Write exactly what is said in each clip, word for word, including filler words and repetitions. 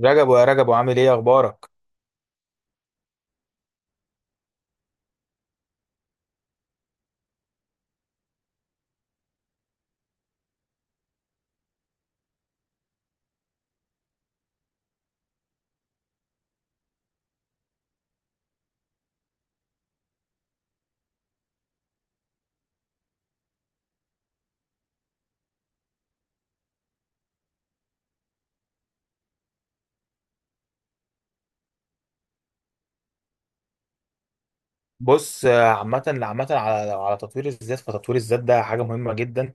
رجب يا رجب وعامل ايه اخبارك؟ بص، آه، عامة عامة على على تطوير الذات، فتطوير الذات ده حاجة مهمة جدا.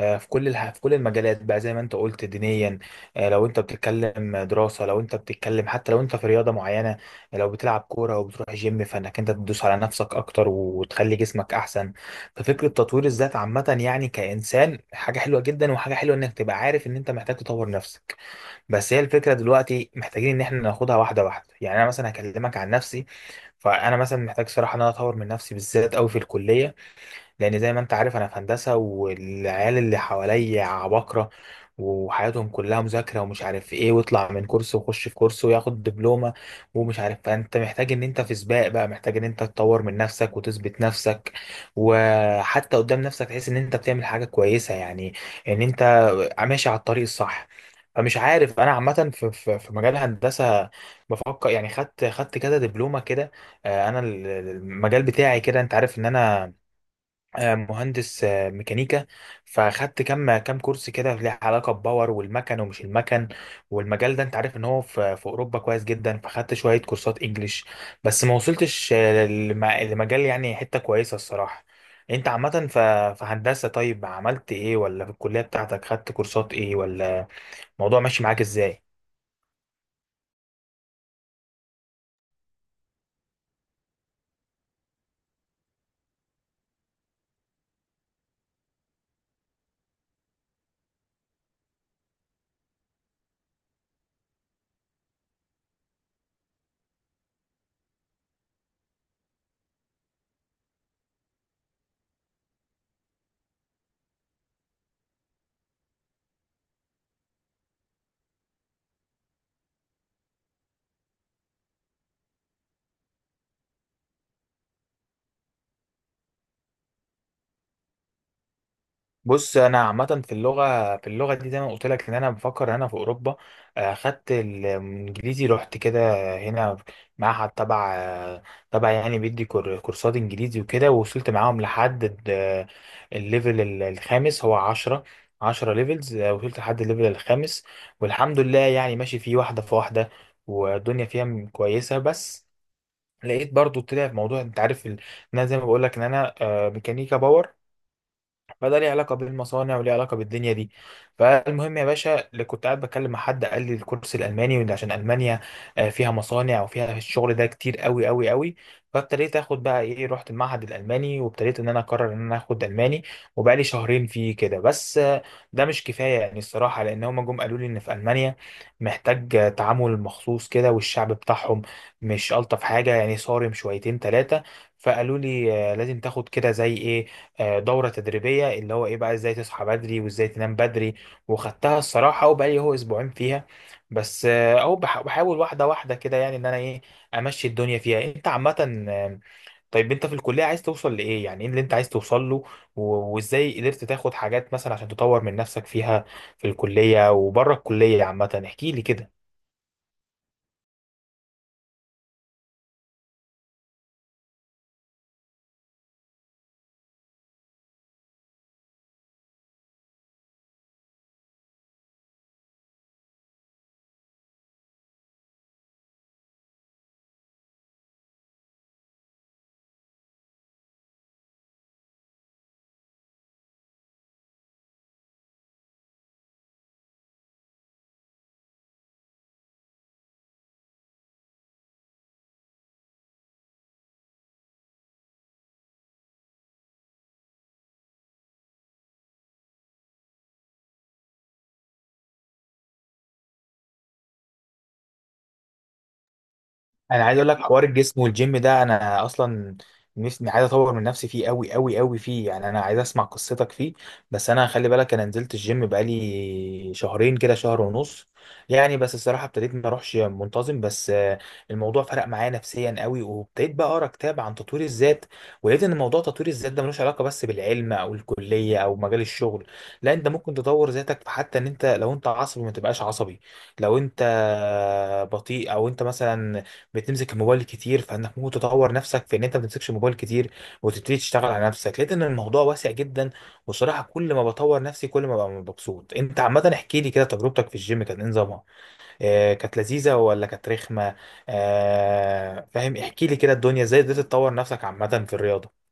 آه، في كل الح- في كل المجالات بقى زي ما انت قلت دينيا. آه، لو انت بتتكلم دراسة، لو انت بتتكلم، حتى لو انت في رياضة معينة، لو بتلعب كورة او بتروح جيم، فانك انت تدوس على نفسك اكتر وتخلي جسمك احسن. ففكرة تطوير الذات عامة يعني كإنسان حاجة حلوة جدا، وحاجة حلوة انك تبقى عارف ان انت محتاج تطور نفسك. بس هي الفكرة دلوقتي محتاجين ان احنا ناخدها واحدة واحدة، يعني انا مثلا هكلمك عن نفسي. فانا مثلا محتاج صراحه ان انا اطور من نفسي بالذات قوي في الكليه، لان زي ما انت عارف انا في هندسه، والعيال اللي حواليا عباقره وحياتهم كلها مذاكره ومش عارف ايه، ويطلع من كورس ويخش في كورس وياخد دبلومه ومش عارف. فانت محتاج ان انت في سباق بقى، محتاج ان انت تطور من نفسك وتثبت نفسك، وحتى قدام نفسك تحس ان انت بتعمل حاجه كويسه، يعني ان انت ماشي على الطريق الصح. مش عارف، انا عامه في في في مجال الهندسه بفكر، يعني خدت خدت كده دبلومه كده. آه، انا ال- ال- المجال بتاعي كده، انت عارف ان انا آه، مهندس آه، ميكانيكا. فاخدت كام كام كورس كده له علاقه بباور والمكن ومش المكن. والمجال ده انت عارف ان هو في في اوروبا كويس جدا، فاخدت شويه كورسات انجليش بس ما وصلتش، آه، للم- لمجال يعني حته كويسه الصراحه. انت عامه ف- في هندسه، طيب عملت ايه؟ ولا في الكليه بتاعتك خدت كورسات ايه؟ ولا الموضوع ماشي معاك ازاي؟ بص انا عامه في اللغه في اللغه دي زي ما قلت لك، ان انا بفكر إن انا في اوروبا. آه، خدت الانجليزي، رحت كده هنا معهد تبع، آه، تبع يعني بيدي كور- كورسات انجليزي وكده، ووصلت معاهم لحد ال- الليفل ال- الخامس. هو عشرة، عشرة ليفلز، آه، وصلت لحد الليفل الخامس، والحمد لله يعني ماشي فيه واحده في واحده، والدنيا فيها م- كويسه. بس لقيت برضو طلع في موضوع، انت عارف ال- ان انا زي ما بقول لك ان انا آه، ميكانيكا باور، فده ليه علاقة بالمصانع وليه علاقة بالدنيا دي. فالمهم يا باشا، اللي كنت قاعد بتكلم مع حد قال لي الكورس الألماني، وإن عشان ألمانيا آه، فيها مصانع وفيها الشغل ده كتير قوي قوي قوي. فابتديت اخد بقى ايه، رحت المعهد الألماني وابتديت ان انا اقرر ان انا اخد ألماني، وبقى لي شهرين فيه كده. بس آه، ده مش كفاية يعني الصراحة، لأن هما جم قالوا لي إن في ألمانيا محتاج آه، تعامل مخصوص كده، والشعب بتاعهم مش ألطف حاجة يعني، صارم شويتين تلاتة. فقالوا لي آه، لازم تاخد كده زي ايه، آه، دوره تدريبيه، اللي هو ايه بقى، ازاي تصحى بدري وازاي تنام بدري. وخدتها الصراحه، وبقالي هو اسبوعين فيها. بس آه، او بح- بحاول واحده واحده كده يعني، ان انا ايه، امشي الدنيا فيها. انت عامه، آه، طيب انت في الكليه عايز توصل لايه؟ يعني ايه اللي انت عايز توصل له و- وازاي قدرت تاخد حاجات مثلا عشان تطور من نفسك فيها، في الكليه وبره الكليه عامه؟ احكي لي كده. انا عايز اقول لك، حوار الجسم والجيم ده انا اصلا نفسي عايز اطور من نفسي فيه قوي قوي قوي فيه، يعني انا عايز اسمع قصتك فيه. بس انا خلي بالك، انا نزلت الجيم بقالي شهرين كده، شهر ونص يعني. بس الصراحه ابتديت ما اروحش منتظم. بس آه، الموضوع فرق معايا نفسيا قوي، وابتديت بقى اقرا كتاب عن تطوير الذات. ولقيت ان موضوع تطوير الذات ده ملوش علاقه بس بالعلم او الكليه او مجال الشغل، لا، انت ممكن تطور ذاتك في حتى، ان انت لو انت عصبي ما تبقاش عصبي، لو انت بطيء، او انت مثلا بتمسك الموبايل كتير، فانك ممكن تطور نفسك في ان انت ما تمسكش الموبايل كتير، وتبتدي تشتغل على نفسك. لقيت ان الموضوع واسع جدا، وصراحه كل ما بطور نفسي كل ما ببقى مبسوط. انت عامه احكي لي كده، تجربتك في الجيم كانت إيه نظامها؟ آه كانت لذيذه ولا كانت رخمه؟ آه فاهم، احكي لي كده الدنيا ازاي قدرت تطور نفسك عامه في الرياضه.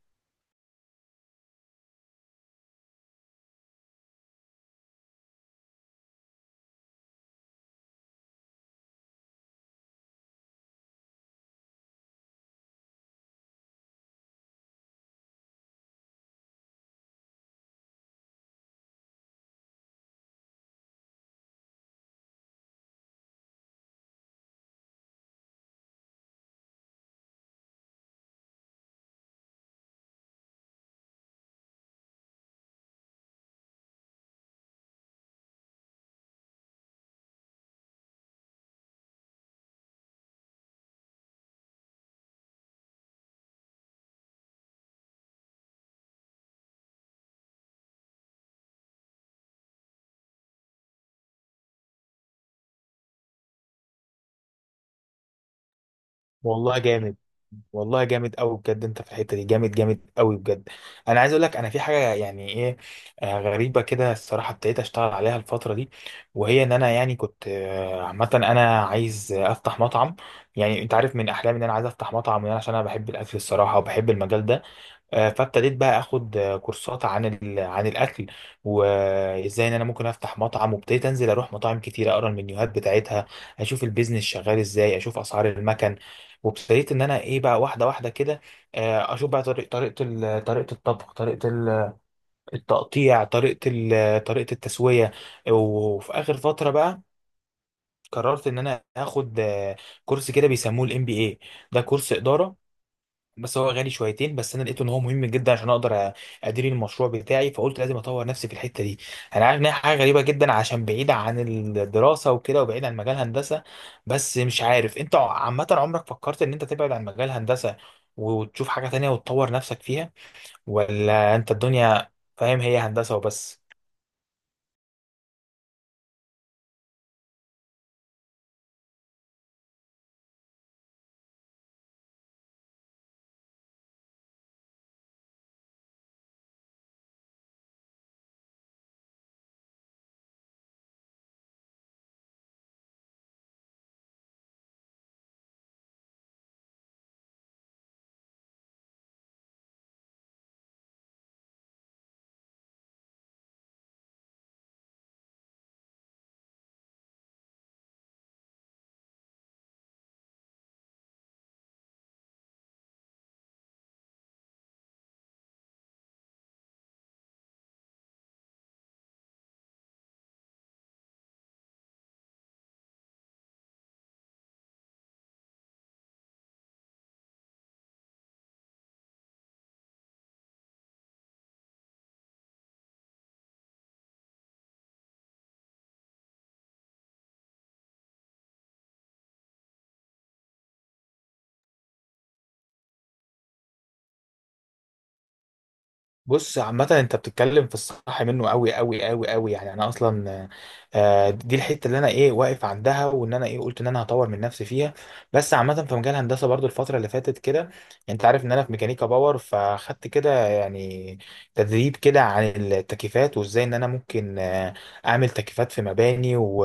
والله جامد، والله جامد قوي بجد، انت في الحته دي جامد جامد قوي بجد. انا عايز اقول لك، انا في حاجه يعني ايه، آه، غريبه كده الصراحه، ابتديت اشتغل عليها الفتره دي، وهي ان انا يعني كنت، آه، عامه انا عايز آه، افتح مطعم. يعني انت عارف من احلامي ان انا عايز افتح مطعم، يعني عشان انا بحب الاكل الصراحه وبحب المجال ده. آه، فابتديت بقى اخد آه، كورسات عن ال... عن الاكل، وازاي ان انا ممكن افتح مطعم. وابتديت انزل اروح مطاعم كتير، اقرا المنيوهات بتاعتها، اشوف البيزنس شغال ازاي، اشوف اسعار المكن. وابتديت ان انا ايه بقى، واحده واحده كده، آه، اشوف بقى طريق طريقه ال... طريقه الطبخ، طريقه ال- التقطيع، طريقه ال... طريقه التسويه. وفي اخر فتره بقى، قررت ان انا اخد آه، كورس كده بيسموه الام بي اي، ده كورس اداره. بس هو غالي شويتين، بس انا لقيته ان هو مهم جدا عشان اقدر أ- ادير المشروع بتاعي. فقلت لازم اطور نفسي في الحته دي. انا عارف ان هي حاجه غريبه جدا عشان بعيده عن الدراسه وكده، وبعيد عن مجال هندسه. بس مش عارف، انت عامه عمرك فكرت ان انت تبعد عن مجال هندسه وتشوف حاجه تانية وتطور نفسك فيها؟ ولا انت الدنيا فاهم هي هندسه وبس؟ بص عامة، انت بتتكلم في الصح منه قوي قوي قوي قوي، يعني انا اصلا آه، دي الحتة اللي انا ايه واقف عندها، وان انا ايه قلت ان انا هطور من نفسي فيها. بس عامة في مجال الهندسة برضو الفترة اللي فاتت كده، انت عارف ان انا في ميكانيكا باور، فاخدت كده يعني تدريب كده عن التكييفات، وازاي ان انا ممكن آه، اعمل تكييفات في مباني. و...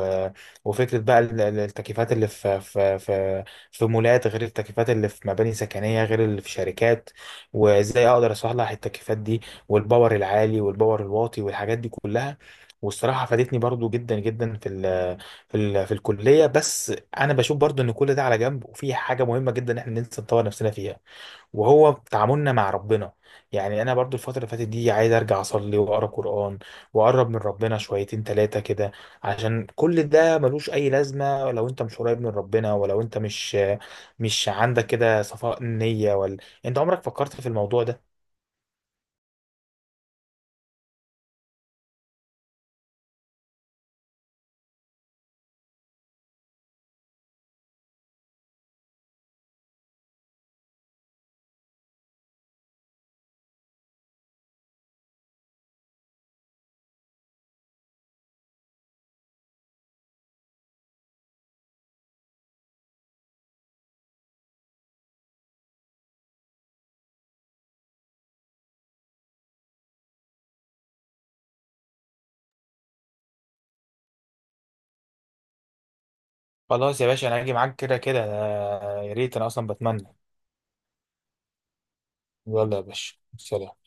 وفكرة بقى ال- ال- التكييفات اللي في في في في مولات، غير التكييفات اللي في مباني سكنية، غير اللي في شركات. وازاي اقدر اصلح التكييفات دي، والباور العالي والباور الواطي والحاجات دي كلها. والصراحه فادتني برضو جدا جدا في ال في ال في الكليه. بس انا بشوف برضو ان كل ده على جنب، وفي حاجه مهمه جدا احنا ننسى نطور نفسنا فيها، وهو تعاملنا مع ربنا. يعني انا برضو الفتره اللي فاتت دي عايز ارجع اصلي واقرا قران، واقرب من ربنا شويتين ثلاثه كده، عشان كل ده ملوش اي لازمه لو انت مش قريب من ربنا، ولو انت مش مش عندك كده صفاء نيه ولا. انت عمرك فكرت في الموضوع ده؟ خلاص يا باشا، انا هاجي معاك كده كده، آه، يا ريت، انا اصلا بتمنى. يلا يا باشا، سلام.